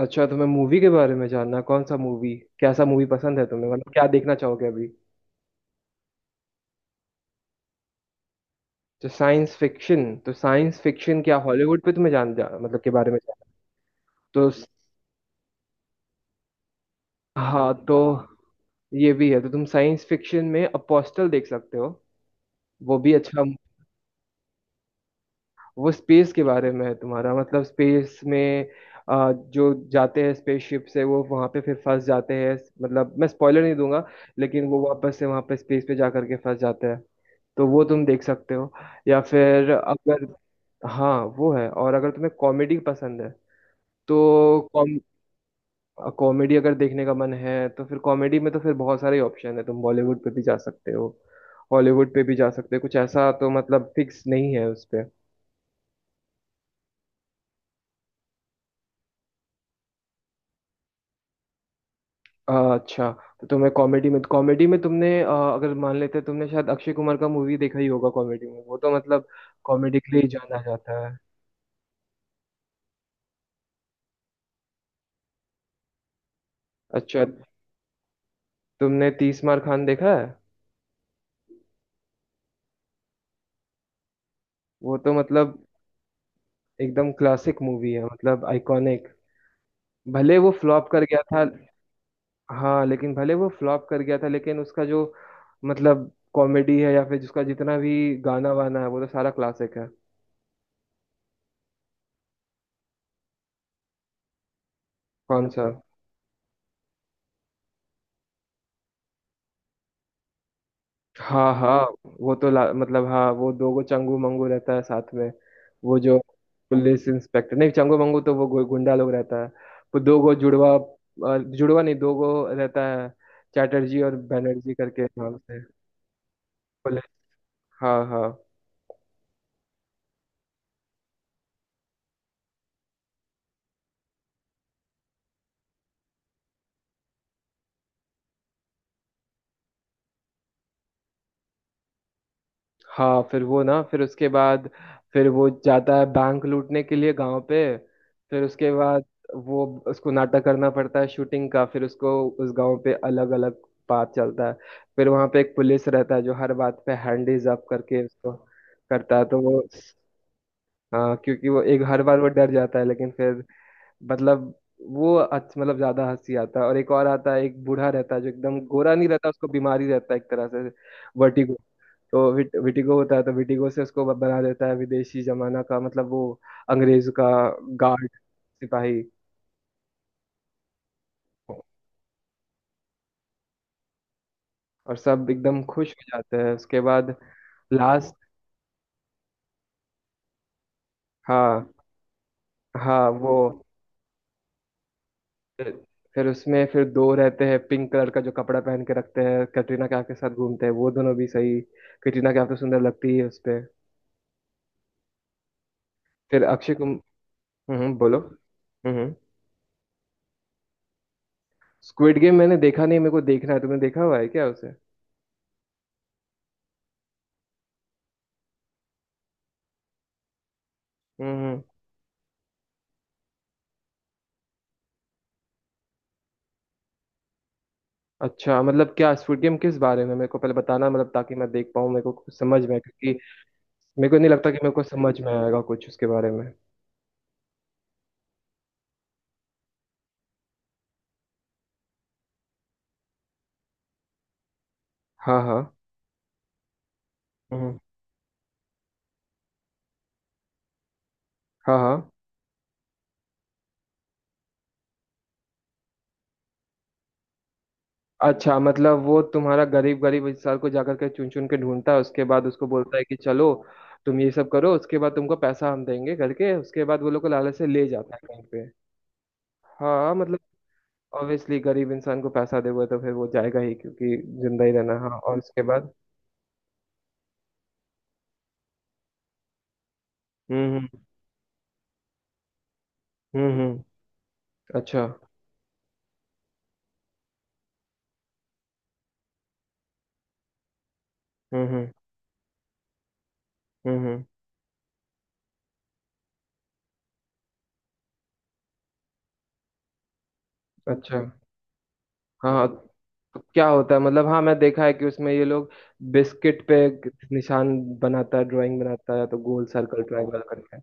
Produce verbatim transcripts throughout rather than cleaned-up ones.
अच्छा, तुम्हें मूवी के बारे में जानना है। कौन सा मूवी, कैसा मूवी पसंद है तुम्हें? मतलब क्या देखना चाहोगे अभी? तो साइंस फिक्शन तो साइंस फिक्शन क्या, हॉलीवुड पे तुम्हें जान जा, मतलब के बारे में जान। तो स- हाँ तो, ये भी है। तो तुम साइंस फिक्शन में अपोस्टल देख सकते हो। वो भी अच्छा। वो स्पेस के बारे में है। तुम्हारा मतलब, स्पेस में आ, जो जाते हैं स्पेसशिप से, वो वहां पे फिर फंस जाते हैं। मतलब, मैं स्पॉइलर नहीं दूंगा, लेकिन वो वापस से वहां पे स्पेस पे जा करके फंस जाते हैं। तो वो तुम देख सकते हो। या फिर अगर, हाँ, वो है। और अगर तुम्हें कॉमेडी पसंद है तो, कॉम कॉमेडी अगर देखने का मन है तो फिर कॉमेडी में तो फिर बहुत सारे ऑप्शन है। तुम बॉलीवुड पे भी जा सकते हो, हॉलीवुड पे भी जा सकते हो। कुछ ऐसा तो मतलब फिक्स नहीं है उस पे। अ, अच्छा। तो तुम्हें कॉमेडी में, कॉमेडी में तुमने अ, अगर मान लेते हैं, तुमने शायद अक्षय कुमार का मूवी देखा ही होगा। कॉमेडी में वो तो मतलब कॉमेडी के लिए ही जाना जाता है। अच्छा, तुमने तीस मार खान देखा है? वो तो मतलब एकदम क्लासिक मूवी है, मतलब आइकॉनिक। भले वो फ्लॉप कर गया था। हाँ, लेकिन भले वो फ्लॉप कर गया था, लेकिन उसका जो मतलब कॉमेडी है या फिर जिसका जितना भी गाना वाना है, वो तो सारा क्लासिक है। कौन सा? हाँ हाँ। वो तो ला, मतलब हाँ, वो दो गो चंगू मंगू रहता है साथ में। वो जो पुलिस इंस्पेक्टर, नहीं चंगू मंगू तो वो गु- गुंडा लोग रहता है। वो दो गो जुड़वा, अ, जुड़वा नहीं, दो गो रहता है चैटर्जी और बनर्जी करके नाम से। पुलिस, हाँ हाँ। हाँ फिर वो ना, फिर उसके बाद फिर वो जाता है बैंक लूटने के लिए गांव पे। फिर उसके बाद वो, उसको नाटक करना पड़ता है शूटिंग का। फिर उसको उस गांव पे अलग अलग बात चलता है। फिर वहां पे एक पुलिस रहता है जो हर बात पे हैंडीज अप करके उसको करता है, तो वो, हाँ, क्योंकि वो एक, हर बार वो डर जाता है लेकिन फिर, मतलब, वो अच्छा, मतलब ज्यादा हंसी आता है। और एक और आता है, एक बूढ़ा रहता है जो एकदम गोरा नहीं रहता, उसको बीमारी रहता है एक तरह से, वर्टिगो। तो विट, विटिगो होता है। तो विटिगो से उसको ब- बना देता है विदेशी जमाना का, मतलब वो अंग्रेज का गार्ड, सिपाही। और सब एकदम खुश हो जाते हैं उसके बाद। लास्ट, हाँ हाँ, वो, फिर उसमें फिर दो रहते हैं पिंक कलर का जो कपड़ा पहन के रखते हैं, कटरीना कैफ के साथ घूमते हैं, वो दोनों भी सही। कटरीना कैफ तो सुंदर लगती है उस पे। फिर अक्षय कुमार, हम्म हम्म, बोलो। हम्म। स्क्विड गेम मैंने देखा नहीं, मेरे को देखना है। तुमने देखा हुआ है क्या उसे? हम्म हम्म। अच्छा, मतलब क्या स्quid गेम किस बारे में, मेरे को पहले बताना मतलब, ताकि मैं देख पाऊँ, मेरे को कुछ समझ में, क्योंकि मेरे को नहीं लगता कि मेरे को समझ में आएगा कुछ उसके बारे में। हाँ हाँ। हम्म, हाँ हाँ। अच्छा, मतलब वो तुम्हारा गरीब गरीब इंसान को जाकर के चुन चुन के ढूंढता है उसके बाद उसको बोलता है कि चलो तुम ये सब करो उसके बाद तुमको पैसा हम देंगे करके, उसके बाद वो लोग को लालच से ले जाता है कहीं पे। हाँ, मतलब ऑब्वियसली गरीब इंसान को पैसा दोगे तो फिर वो जाएगा ही, क्योंकि जिंदा ही रहना। हाँ, और उसके बाद? हम्म हम्म हम्म हम्म, अच्छा। हम्म हम्म हम्म हम्म, अच्छा। हाँ तो क्या होता है मतलब? हाँ, मैं देखा है कि उसमें ये लोग बिस्किट पे एक निशान बनाता है, ड्राइंग बनाता है तो, गोल, सर्कल, ट्रायंगल करके।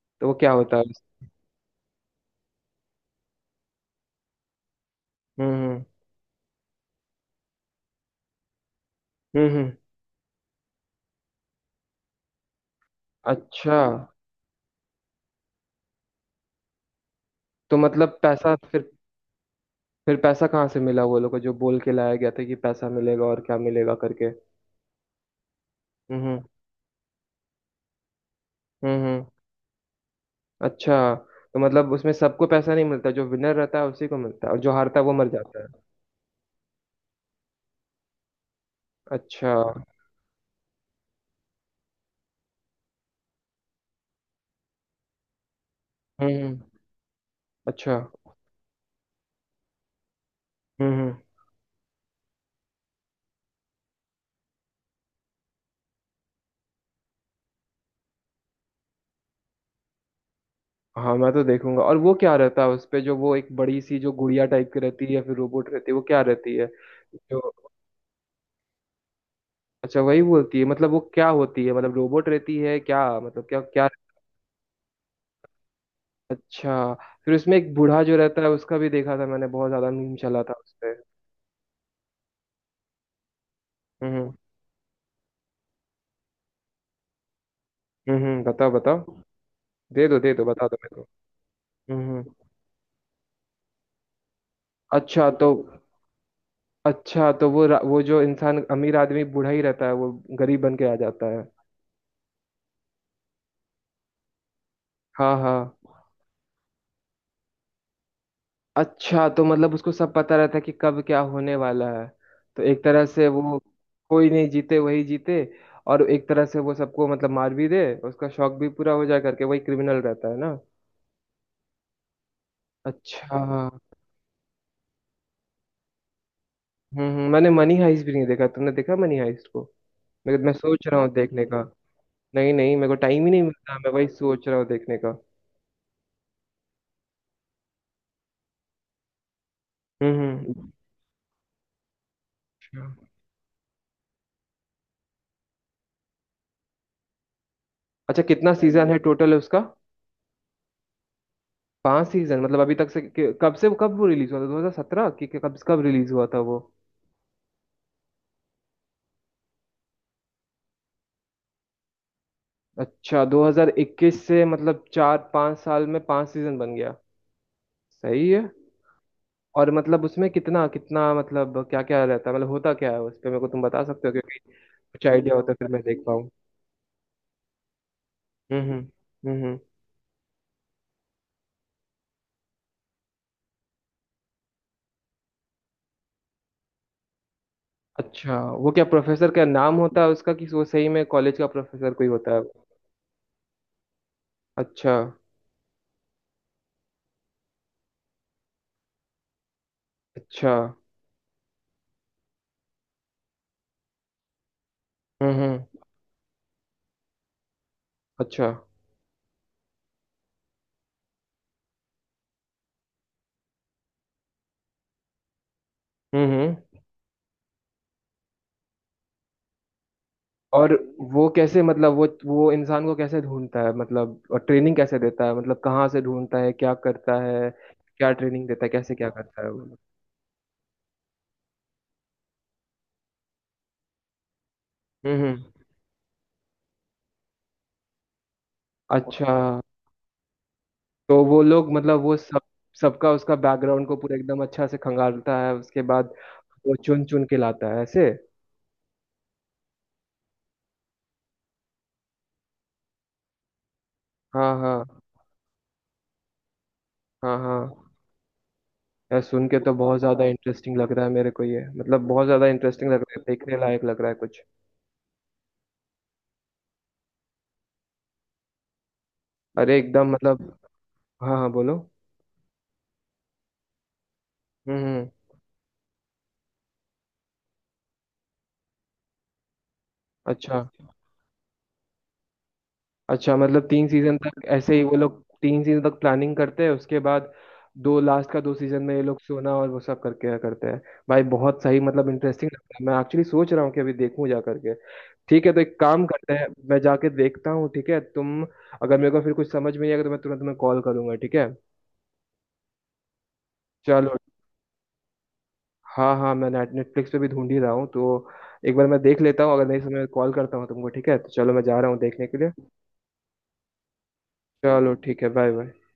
तो वो क्या होता है? हम्म हम्म हम्म हम्म, अच्छा। तो मतलब पैसा फिर फिर पैसा कहाँ से मिला वो लोग को जो बोल के लाया गया था कि पैसा मिलेगा और क्या मिलेगा करके? हम्म हम्म हम्म हम्म, अच्छा। तो मतलब उसमें सबको पैसा नहीं मिलता, जो विनर रहता है उसी को मिलता है, और जो हारता है वो मर जाता है। अच्छा, हम्म हम्म, अच्छा, हम्म हम्म। हाँ, मैं तो देखूंगा। और वो क्या रहता है उस पे जो, वो एक बड़ी सी जो गुड़िया टाइप की रहती है या फिर रोबोट रहती है, वो क्या रहती है जो, अच्छा, वही बोलती है? मतलब वो क्या होती है, मतलब रोबोट रहती है क्या, मतलब क्या क्या? अच्छा। फिर उसमें एक बूढ़ा जो रहता है उसका भी देखा था मैंने, बहुत ज्यादा मीम चला था उस पे। हम्म हम्म हम्म, बताओ बताओ। दे दो दे दो बता दो मेरे को। हम्म हम्म। अच्छा तो अच्छा तो वो रा- वो जो इंसान, अमीर आदमी बूढ़ा ही रहता है वो गरीब बन के आ जाता है। हाँ हाँ, अच्छा। तो मतलब उसको सब पता रहता है कि कब क्या होने वाला है, तो एक तरह से वो, कोई नहीं जीते, वही जीते। और एक तरह से वो सबको मतलब मार भी दे, उसका शौक भी पूरा हो जाए करके, वही क्रिमिनल रहता है ना। अच्छा, हम्म हम्म। मैंने मनी हाइस्ट भी नहीं देखा, तुमने देखा मनी हाइस्ट को? मैं मैं सोच रहा हूँ देखने का। नहीं नहीं, मेरे को टाइम ही नहीं मिलता। मैं वही सोच रहा हूँ देखने का। हम्म हम्म, अच्छा। अच्छा, कितना सीजन है टोटल है उसका? पांच सीजन मतलब अभी तक से, कि- कब से कब वो रिलीज हुआ था, दो हज़ार सत्रह कि कि- कब कब रिलीज हुआ था वो? अच्छा, दो हज़ार इक्कीस से, मतलब चार पांच साल में पांच सीजन बन गया, सही है। और मतलब उसमें कितना कितना, मतलब क्या क्या रहता है, मतलब होता क्या है उस पे, मेरे को तुम बता सकते हो, क्योंकि कुछ आइडिया होता फिर मैं देख पाऊँ। हम्म हम्म हम्म हम्म। अच्छा, वो क्या प्रोफेसर का नाम होता है उसका कि वो सही में कॉलेज का प्रोफेसर कोई होता है? अच्छा। अच्छा हम्म हम्म, अच्छा हम्म हम्म। और वो कैसे, मतलब वो वो इंसान को कैसे ढूंढता है मतलब, और ट्रेनिंग कैसे देता है मतलब, कहाँ से ढूंढता है, क्या करता है, क्या ट्रेनिंग देता है, कैसे क्या करता है वो लोग। हम्म हम्म। अच्छा तो वो लोग, मतलब वो सब, सबका उसका बैकग्राउंड को पूरा एकदम अच्छा से खंगालता है, उसके बाद वो चुन चुन के लाता है ऐसे। हाँ हाँ हाँ हाँ। यार, सुन के तो बहुत ज्यादा इंटरेस्टिंग लग रहा है मेरे को ये, मतलब बहुत ज्यादा इंटरेस्टिंग लग रहा है, देखने लायक लग रहा है कुछ। अरे एकदम मतलब, हाँ हाँ बोलो। हम्म हम्म। अच्छा, अच्छा, मतलब तीन सीजन तक ऐसे ही वो लोग तीन सीजन तक प्लानिंग करते हैं उसके बाद, दो लास्ट का दो सीजन में ये लोग सोना और वो सब करके करते हैं। भाई बहुत सही, मतलब इंटरेस्टिंग लगता है। मैं एक्चुअली सोच रहा हूँ कि अभी देखूँ जा करके। ठीक है, तो एक काम करते हैं, मैं जाके देखता हूँ। ठीक है तुम, अगर मेरे को फिर कुछ समझ में नहीं आएगा तो मैं तुरंत तुम्हें कॉल करूंगा, ठीक है? चलो। हाँ हाँ, मैं नेट नेटफ्लिक्स पे भी ढूंढ ही रहा हूँ तो, एक बार मैं देख लेता हूँ, अगर नहीं समय कॉल करता हूँ तुमको, ठीक है? तो चलो, मैं जा रहा हूँ देखने के लिए। चलो ठीक है, बाय बाय।